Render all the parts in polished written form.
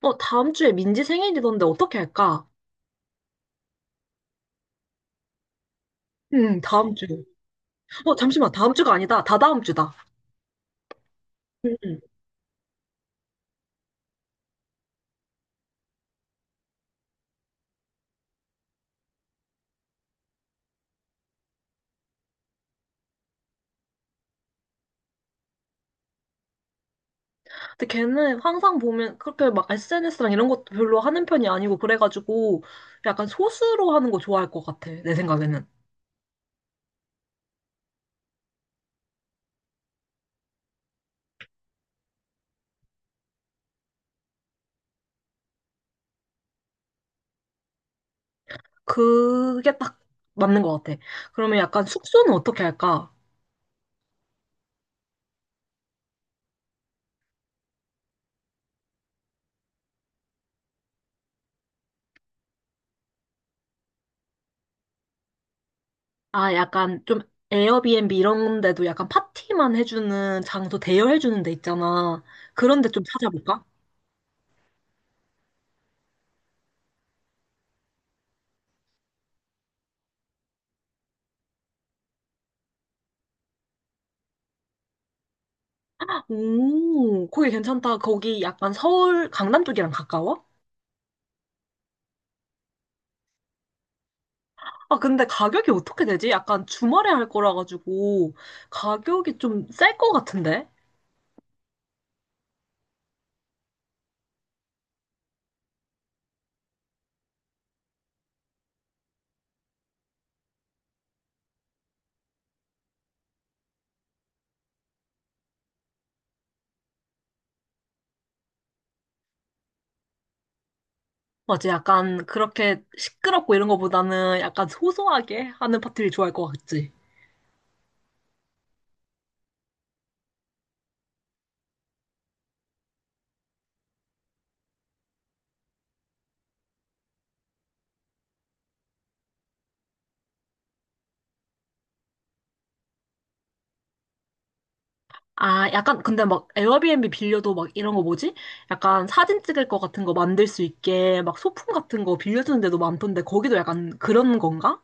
다음 주에 민지 생일이던데 어떻게 할까? 다음 주. 잠시만. 다음 주가 아니다. 다다음 주다. 응. 응. 근데 걔는 항상 보면 그렇게 막 SNS랑 이런 것도 별로 하는 편이 아니고 그래가지고 약간 소수로 하는 거 좋아할 것 같아. 내 생각에는. 그게 딱 맞는 것 같아. 그러면 약간 숙소는 어떻게 할까? 아, 약간 좀 에어비앤비 이런 데도 약간 파티만 해주는 장소 대여해주는 데 있잖아. 그런 데 좀 찾아볼까? 오, 거기 괜찮다. 거기 약간 서울, 강남 쪽이랑 가까워? 아, 근데 가격이 어떻게 되지? 약간 주말에 할 거라 가지고 가격이 좀 쌀 것 같은데? 맞아, 약간 그렇게 시끄럽고 이런 거보다는 약간 소소하게 하는 파티를 좋아할 것 같지? 아, 약간 근데 막 에어비앤비 빌려도 막 이런 거 뭐지? 약간 사진 찍을 거 같은 거 만들 수 있게 막 소품 같은 거 빌려주는 데도 많던데 거기도 약간 그런 건가?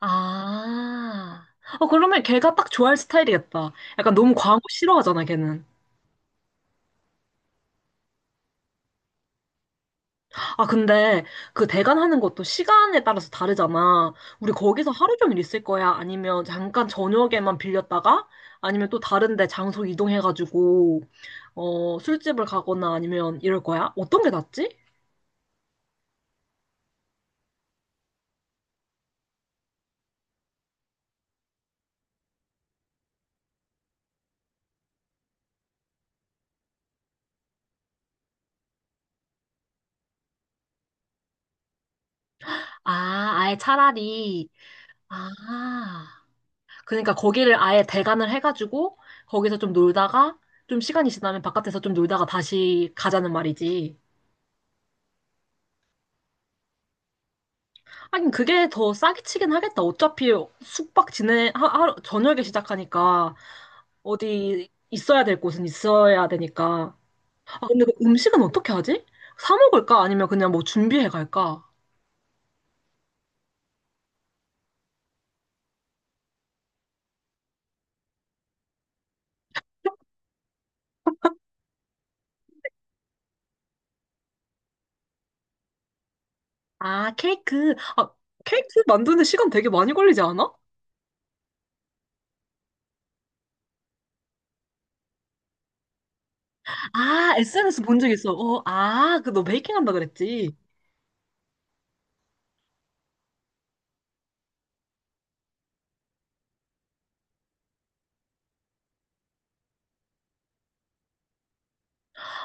아. 어, 그러면 걔가 딱 좋아할 스타일이겠다. 약간 너무 과한 거 싫어하잖아, 걔는. 아, 근데 그 대관하는 것도 시간에 따라서 다르잖아. 우리 거기서 하루 종일 있을 거야? 아니면 잠깐 저녁에만 빌렸다가? 아니면 또 다른데 장소 이동해가지고, 술집을 가거나 아니면 이럴 거야? 어떤 게 낫지? 아, 아예 차라리. 아. 그러니까 거기를 아예 대관을 해가지고 거기서 좀 놀다가 좀 시간이 지나면 바깥에서 좀 놀다가 다시 가자는 말이지. 하긴 그게 더 싸게 치긴 하겠다. 어차피 숙박 지내 저녁에 시작하니까 어디 있어야 될 곳은 있어야 되니까. 아 근데 그 음식은 어떻게 하지? 사 먹을까? 아니면 그냥 뭐 준비해 갈까? 아 케이크. 아 케이크 만드는데 시간 되게 많이 걸리지 않아? 아 SNS 본 적 있어. 그 너 베이킹 한다 그랬지.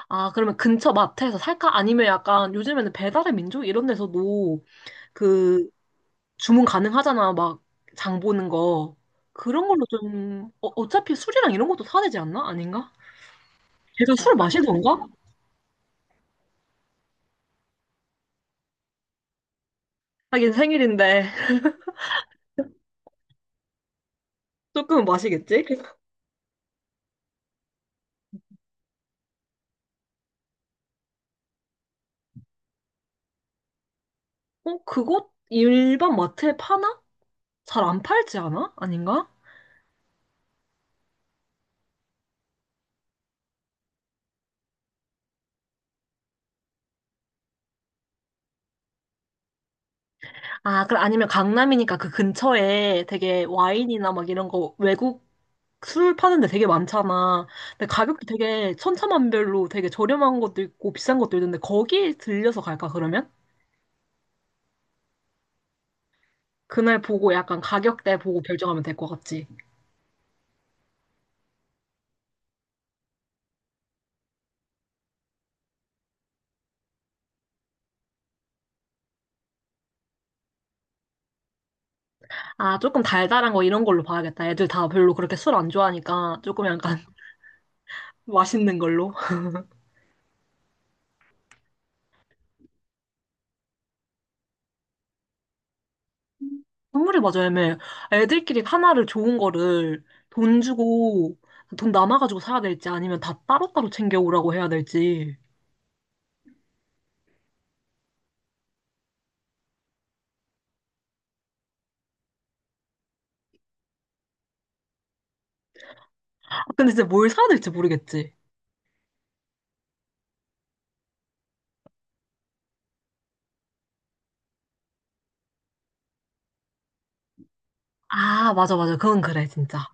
아, 그러면 근처 마트에서 살까? 아니면 약간 요즘에는 배달의 민족 이런 데서도 그 주문 가능하잖아. 막 장 보는 거. 그런 걸로 좀, 어, 어차피 술이랑 이런 것도 사야 되지 않나? 아닌가? 걔가 술 마시던가? 하긴 생일인데 조금은 마시겠지? 어, 그거 일반 마트에 파나? 잘 안 팔지 않아? 아닌가? 아, 그럼 아니면 강남이니까 그 근처에 되게 와인이나 막 이런 거 외국 술 파는 데 되게 많잖아. 근데 가격도 되게 천차만별로 되게 저렴한 것도 있고 비싼 것도 있는데 거기 들려서 갈까 그러면? 그날 보고 약간 가격대 보고 결정하면 될 것 같지. 아, 조금 달달한 거 이런 걸로 봐야겠다. 애들 다 별로 그렇게 술 안 좋아하니까 조금 약간 맛있는 걸로. 선물이 맞아, 애매. 애들끼리 하나를 좋은 거를 돈 주고 돈 남아가지고 사야 될지 아니면 다 따로따로 챙겨오라고 해야 될지. 아, 근데 진짜 뭘 사야 될지 모르겠지. 아, 맞아, 맞아. 그건 그래, 진짜.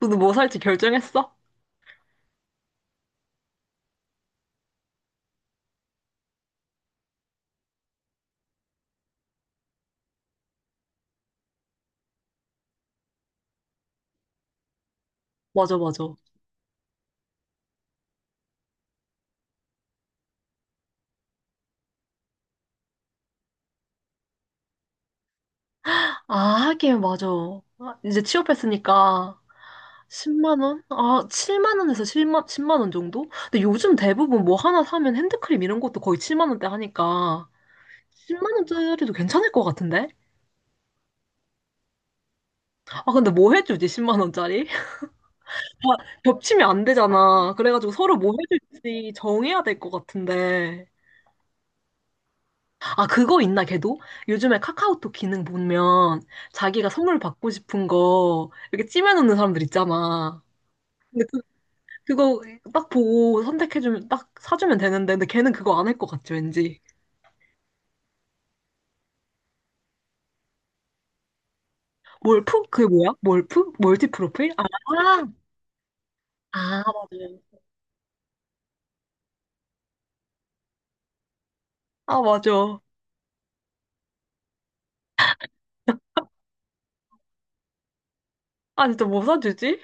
너도 뭐 살지 결정했어? 맞아, 맞아. 아, 하긴, 맞아. 아, 이제 취업했으니까 10만 원? 아, 7만 원에서 7만 10만 원 정도? 근데 요즘 대부분 뭐 하나 사면 핸드크림 이런 것도 거의 7만 원대 하니까 10만 원짜리도 괜찮을 것 같은데? 아, 근데 뭐 해주지, 10만 원짜리? 아, 겹치면 안 되잖아. 그래가지고 서로 뭐 해줄지 정해야 될 것 같은데. 아, 그거 있나, 걔도? 요즘에 카카오톡 기능 보면 자기가 선물 받고 싶은 거 이렇게 찜해놓는 사람들 있잖아. 근데 그, 그거 딱 보고 선택해주면, 딱 사주면 되는데, 근데 걔는 그거 안 할 것 같지, 왠지. 몰프? 그게 뭐야? 몰프? 멀티 프로필? 아, 맞아요. 아, 맞아. 아, 진짜 뭐 사주지?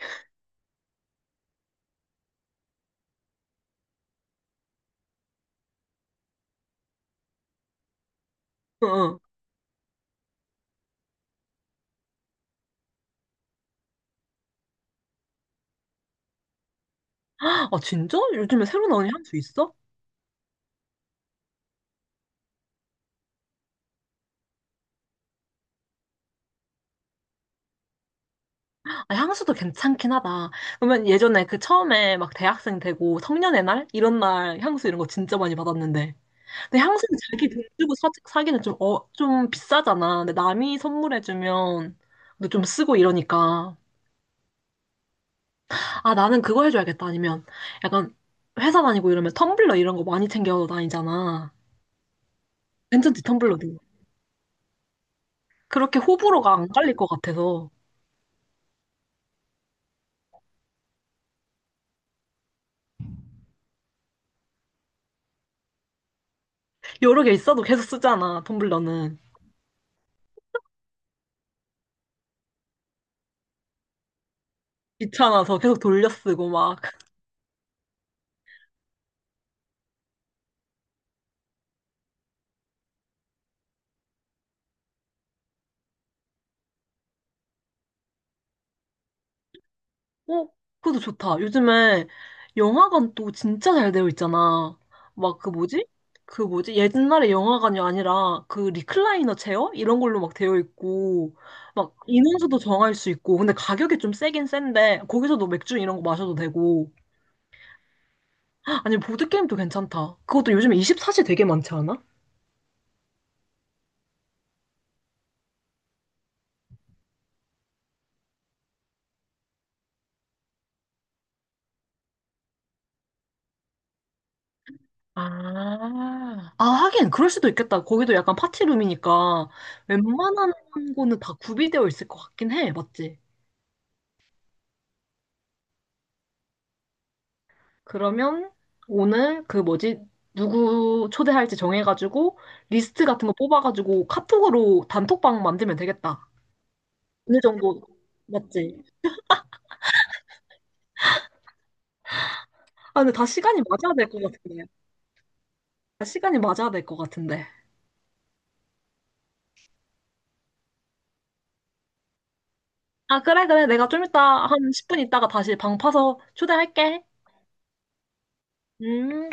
응. 아, 진짜? 요즘에 새로 나온 향수 있어? 아, 향수도 괜찮긴 하다. 그러면 예전에 그 처음에 막 대학생 되고 성년의 날? 이런 날 향수 이런 거 진짜 많이 받았는데. 근데 항상 자기 돈 주고 사기는 좀, 어, 좀 비싸잖아. 근데 남이 선물해주면, 근데 좀 쓰고 이러니까. 아, 나는 그거 해줘야겠다. 아니면, 약간, 회사 다니고 이러면 텀블러 이런 거 많이 챙겨 다니잖아. 괜찮지, 텀블러도. 그렇게 호불호가 안 갈릴 것 같아서. 여러 개 있어도 계속 쓰잖아, 텀블러는. 귀찮아서 계속 돌려 쓰고 막. 어, 그것도 좋다. 요즘에 영화관 또 진짜 잘 되어 있잖아. 막 그 뭐지? 그 뭐지? 옛날에 영화관이 아니라 그 리클라이너 체어? 이런 걸로 막 되어 있고, 막 인원수도 정할 수 있고, 근데 가격이 좀 세긴 센데, 거기서도 맥주 이런 거 마셔도 되고. 아니, 보드게임도 괜찮다. 그것도 요즘에 24시 되게 많지 않아? 하긴, 그럴 수도 있겠다. 거기도 약간 파티룸이니까 웬만한 거는 다 구비되어 있을 것 같긴 해. 맞지? 그러면 오늘 그 뭐지? 누구 초대할지 정해가지고 리스트 같은 거 뽑아가지고 카톡으로 단톡방 만들면 되겠다. 어느 정도 맞지? 아 근데 다 시간이 맞아야 될 것 같은데. 다 시간이 맞아야 될 것 같은데. 아 그래 그래 내가 좀 이따 한 10분 있다가 다시 방 파서 초대할게. 음.